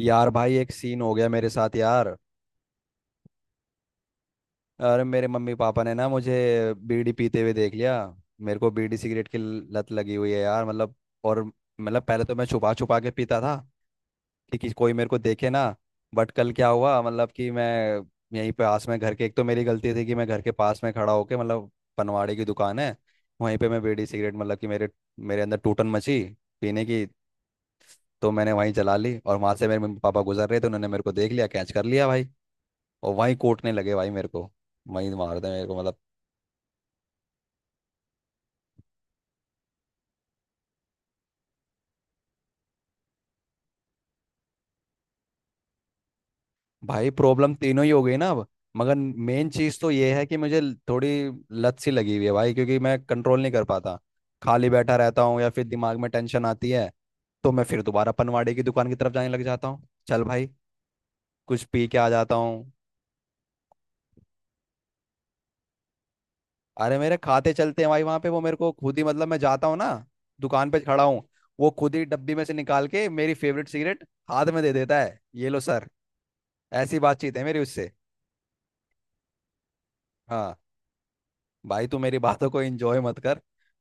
यार भाई एक सीन हो गया मेरे साथ यार। अरे मेरे मम्मी पापा ने ना मुझे बीड़ी पीते हुए देख लिया। मेरे को बीड़ी सिगरेट की लत लगी हुई है यार मतलब। और मतलब पहले तो मैं छुपा छुपा के पीता था कि कोई मेरे को देखे ना। बट कल क्या हुआ मतलब कि मैं यहीं पास में घर के, एक तो मेरी गलती थी कि मैं घर के पास में खड़ा होके मतलब पनवाड़ी की दुकान है वहीं पे मैं बीड़ी सिगरेट मतलब कि मेरे मेरे अंदर टूटन मची पीने की। तो मैंने वहीं जला ली और वहां से मेरे मम्मी पापा गुजर रहे थे, उन्होंने मेरे को देख लिया, कैच कर लिया भाई। और वहीं कूटने लगे भाई मेरे को, वहीं मारते मेरे को मतलब। भाई प्रॉब्लम तीनों ही हो गई ना अब। मगर मेन चीज़ तो ये है कि मुझे थोड़ी लत सी लगी हुई है भाई क्योंकि मैं कंट्रोल नहीं कर पाता। खाली बैठा रहता हूँ या फिर दिमाग में टेंशन आती है तो मैं फिर दोबारा पनवाड़ी की दुकान की तरफ जाने लग जाता हूँ। चल भाई कुछ पी के आ जाता हूँ। अरे मेरे खाते चलते हैं भाई वहां पे, वो मेरे को खुद ही मतलब मैं जाता हूँ ना दुकान पे, खड़ा हूँ, वो खुद ही डब्बी में से निकाल के मेरी फेवरेट सिगरेट हाथ में दे देता है, ये लो सर। ऐसी बातचीत है मेरी उससे। हाँ। भाई तू मेरी बातों को एंजॉय मत कर।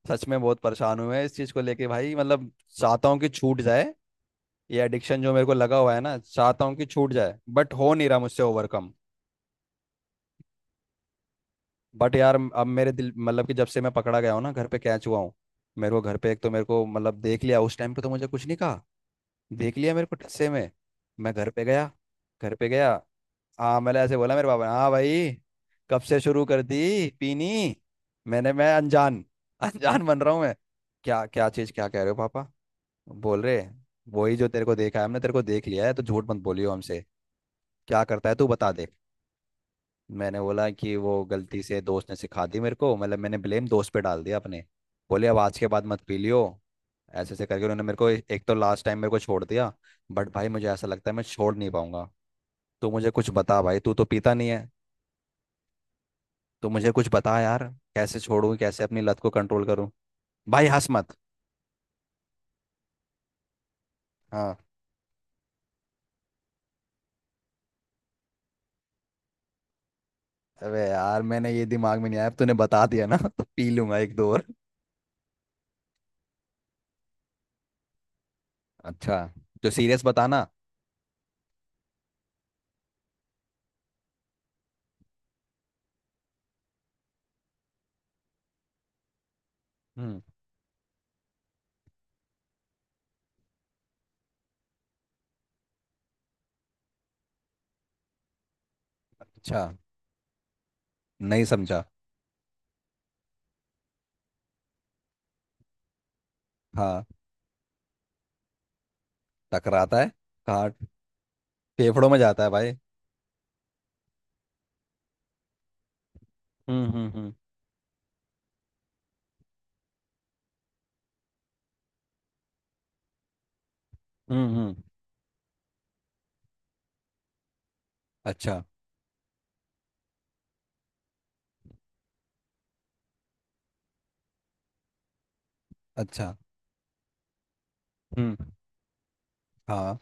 सच में बहुत परेशान हुए हैं इस चीज को लेके भाई मतलब चाहता हूँ कि छूट जाए। ये एडिक्शन जो मेरे को लगा हुआ है ना, चाहता हूँ कि छूट जाए बट हो नहीं रहा मुझसे ओवरकम। बट यार अब मेरे दिल, मतलब कि जब से मैं पकड़ा गया हूँ ना, घर पे कैच हुआ हूँ। मेरे को घर पे, एक तो मेरे को मतलब देख लिया उस टाइम पे तो मुझे कुछ नहीं कहा। देख लिया मेरे को टस्से में। मैं घर पे गया, घर पे गया। हाँ मैंने ऐसे बोला, मेरे पापा ने, हाँ भाई कब से शुरू कर दी पीनी। मैं अनजान अनजान बन रहा हूँ मैं, क्या क्या चीज़, क्या कह रहे हो पापा। बोल रहे वही, जो तेरे को देखा है हमने, तेरे को देख लिया है तो झूठ मत बोलियो हमसे, क्या करता है तू बता दे। मैंने बोला कि वो गलती से दोस्त ने सिखा दी मेरे को, मतलब मैंने ब्लेम दोस्त पे डाल दिया अपने। बोले अब आज के बाद मत पी लियो। ऐसे ऐसे करके उन्होंने मेरे को एक तो लास्ट टाइम मेरे को छोड़ दिया। बट भाई मुझे ऐसा लगता है मैं छोड़ नहीं पाऊंगा। तू मुझे कुछ बता भाई, तू तो पीता नहीं है। तो मुझे कुछ बता यार, कैसे छोड़ूं, कैसे अपनी लत को कंट्रोल करूं। भाई हंस मत। हाँ। अबे यार मैंने ये दिमाग में नहीं आया, अब तूने बता दिया ना तो पी लूंगा एक दो और। अच्छा। तो सीरियस बताना। हम्म। अच्छा। नहीं समझा। हाँ। टकराता है। काट। फेफड़ों में जाता है भाई। हम्म। हम्म। अच्छा। अच्छा। हम्म। हाँ।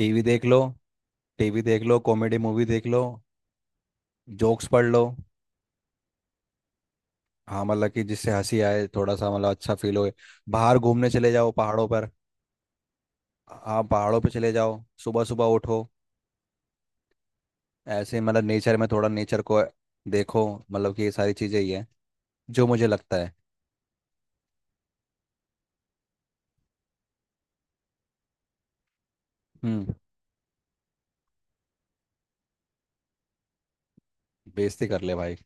टीवी देख लो। टीवी देख लो, कॉमेडी मूवी देख लो। जोक्स पढ़ लो। हाँ मतलब कि जिससे हंसी आए थोड़ा सा, मतलब अच्छा फील हो। बाहर घूमने चले जाओ पहाड़ों पर। हाँ पहाड़ों पे चले जाओ, सुबह सुबह उठो, ऐसे मतलब नेचर में, थोड़ा नेचर को देखो, मतलब कि ये सारी चीज़ें ही है जो मुझे लगता है। हम्म। बेइज्जती कर ले भाई।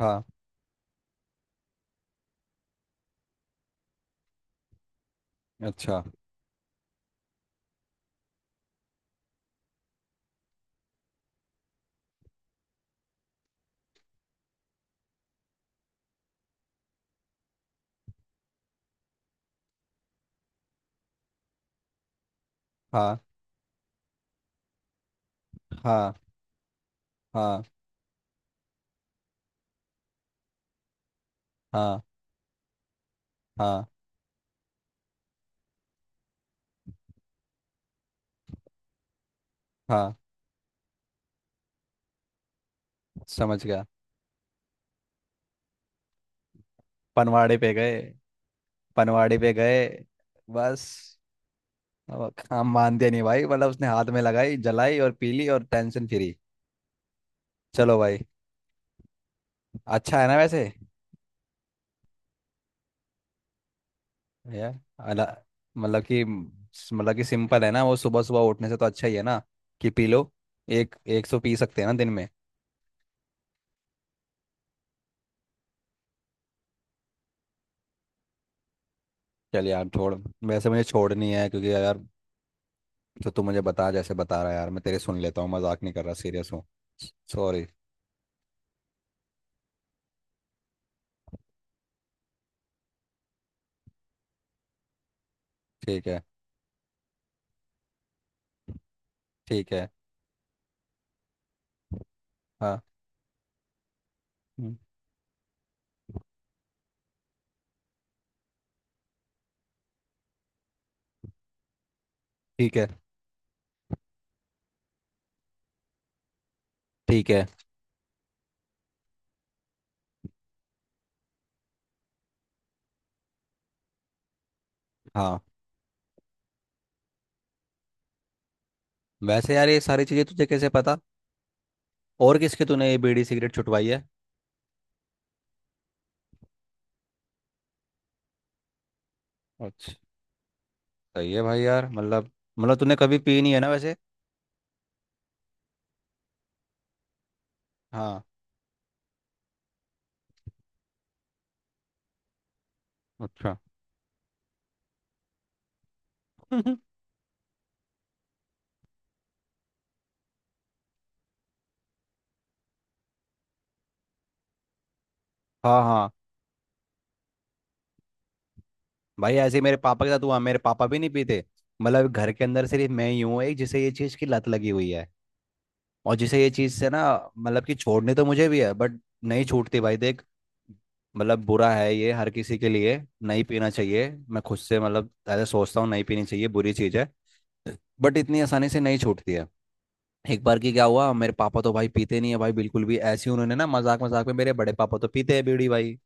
हाँ। अच्छा। हाँ। हाँ। हाँ। हाँ। हाँ। हाँ। समझ गया। पनवाड़े पे गए, पनवाड़े पे गए। बस। अब काम मान दिया नहीं भाई, मतलब उसने हाथ में लगाई, जलाई और पीली और टेंशन फ्री। चलो भाई। अच्छा है ना वैसे। या। अला। मतलब कि सिंपल है ना, वो सुबह सुबह उठने से तो अच्छा ही है ना कि पी लो। एक 100 पी सकते हैं ना दिन में। चल यार छोड़। वैसे मुझे छोड़नी है क्योंकि यार जो तू मुझे बता, जैसे बता रहा है यार, मैं तेरे सुन लेता हूँ, मजाक नहीं कर रहा, सीरियस हूँ। सॉरी। ठीक है। ठीक है। हाँ। हम्म। ठीक है। ठीक है। हाँ। वैसे यार ये सारी चीज़ें तुझे कैसे पता। और किसके तूने ये बीड़ी सिगरेट छुटवाई है। अच्छा। सही है भाई यार मतलब, मतलब तूने कभी पी नहीं है ना वैसे। हाँ। अच्छा। हाँ। हाँ। भाई ऐसे ही मेरे पापा के साथ हुआ, मेरे पापा भी नहीं पीते। मतलब घर के अंदर सिर्फ मैं ही हूँ एक जिसे ये चीज़ की लत लगी हुई है, और जिसे ये चीज़ से ना, मतलब कि छोड़नी तो मुझे भी है बट नहीं छूटती भाई देख। मतलब बुरा है ये हर किसी के लिए, नहीं पीना चाहिए। मैं खुद से मतलब ऐसा सोचता हूँ, नहीं पीनी चाहिए, बुरी चीज़ है। बट इतनी आसानी से नहीं छूटती है। एक बार की क्या हुआ, मेरे पापा तो भाई पीते नहीं है भाई बिल्कुल भी। ऐसे ही उन्होंने ना मजाक मजाक में, मेरे बड़े पापा तो पीते हैं बीड़ी भाई,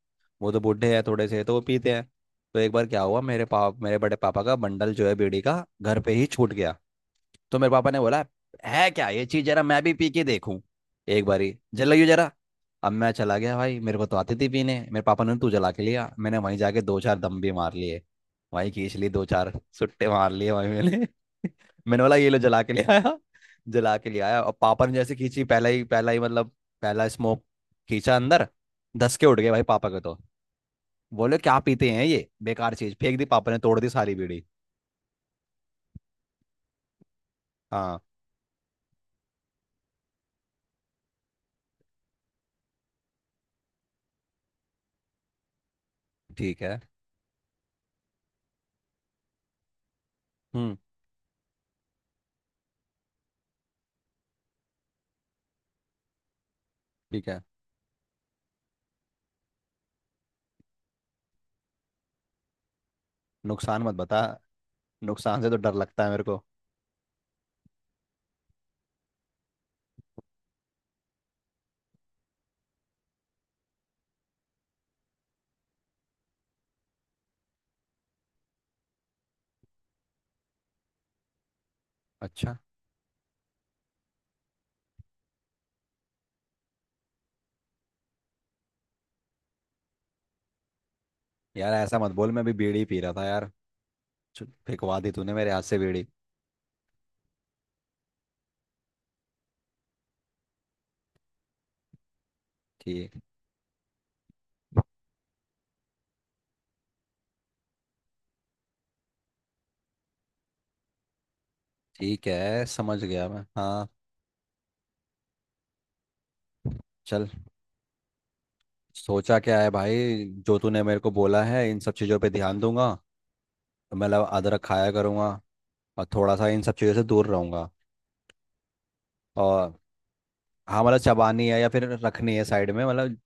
वो तो बूढ़े हैं थोड़े से तो वो पीते हैं। तो एक बार क्या हुआ, मेरे बड़े पापा का बंडल जो है बीड़ी का घर पे ही छूट गया। तो मेरे पापा ने बोला, है क्या ये चीज, जरा मैं भी पी के देखूं, एक बारी जलाइयो जरा। अब मैं चला गया भाई, मेरे को तो आती थी पीने, मेरे पापा ने तू जला के लिया, मैंने वहीं जाके दो चार दम भी मार लिए, वहीं खींच लिए दो चार सुट्टे मार लिए वहीं मैंने। मैंने बोला ये लो, जला के ले आया, जला के ले आया। और पापा ने जैसे खींची पहला ही, पहला ही मतलब पहला स्मोक खींचा अंदर। दस के उठ गए भाई पापा के तो। बोले क्या पीते हैं ये बेकार चीज, फेंक दी पापा ने, तोड़ दी सारी बीड़ी। हाँ। ठीक है। हम्म। ठीक है। नुकसान मत बता। नुकसान से तो डर लगता है मेरे को। अच्छा। यार ऐसा मत बोल, मैं अभी बीड़ी पी रहा था यार। चल, फेंकवा दी तूने मेरे हाथ से बीड़ी। ठीक। ठीक है, समझ गया मैं, हाँ। चल। सोचा क्या है भाई, जो तूने मेरे को बोला है इन सब चीज़ों पे ध्यान दूंगा, तो मतलब अदरक खाया करूंगा और थोड़ा सा इन सब चीज़ों से दूर रहूंगा। और हाँ मतलब चबानी है या फिर रखनी है साइड में मतलब।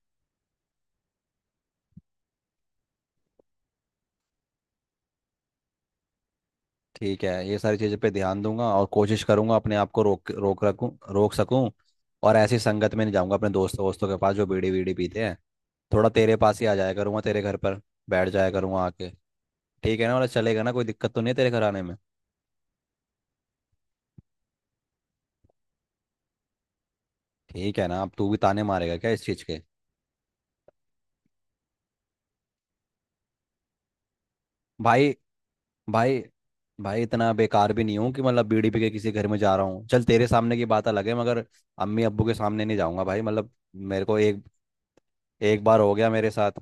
ठीक है, ये सारी चीज़ों पे ध्यान दूंगा और कोशिश करूंगा अपने आप को रोक रोक रखूं, रोक सकूं। और ऐसी संगत में नहीं जाऊंगा अपने दोस्तों वोस्तों के पास जो बीड़ी वीड़ी पीते हैं। थोड़ा तेरे पास ही आ जाया करूंगा, तेरे घर पर बैठ जाया करूंगा आके। ठीक है ना, मतलब चलेगा ना, कोई दिक्कत तो नहीं है तेरे घर आने में। ठीक है ना, अब तू भी ताने मारेगा क्या इस चीज़ के। भाई, भाई, भाई इतना बेकार भी नहीं हूँ कि मतलब बीड़ी पी के किसी घर में जा रहा हूँ। चल तेरे सामने की बात अलग है, मगर अम्मी अब्बू के सामने नहीं जाऊंगा भाई। मतलब मेरे को एक, एक बार हो गया मेरे साथ,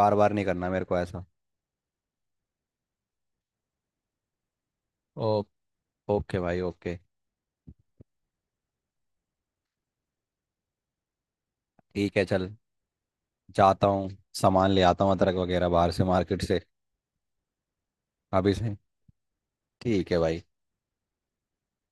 बार बार नहीं करना मेरे को ऐसा। ओ, ओके भाई, ओके। ठीक है चल। जाता हूँ, सामान ले आता हूँ अदरक वगैरह बाहर से मार्केट से। अभी से। ठीक है भाई।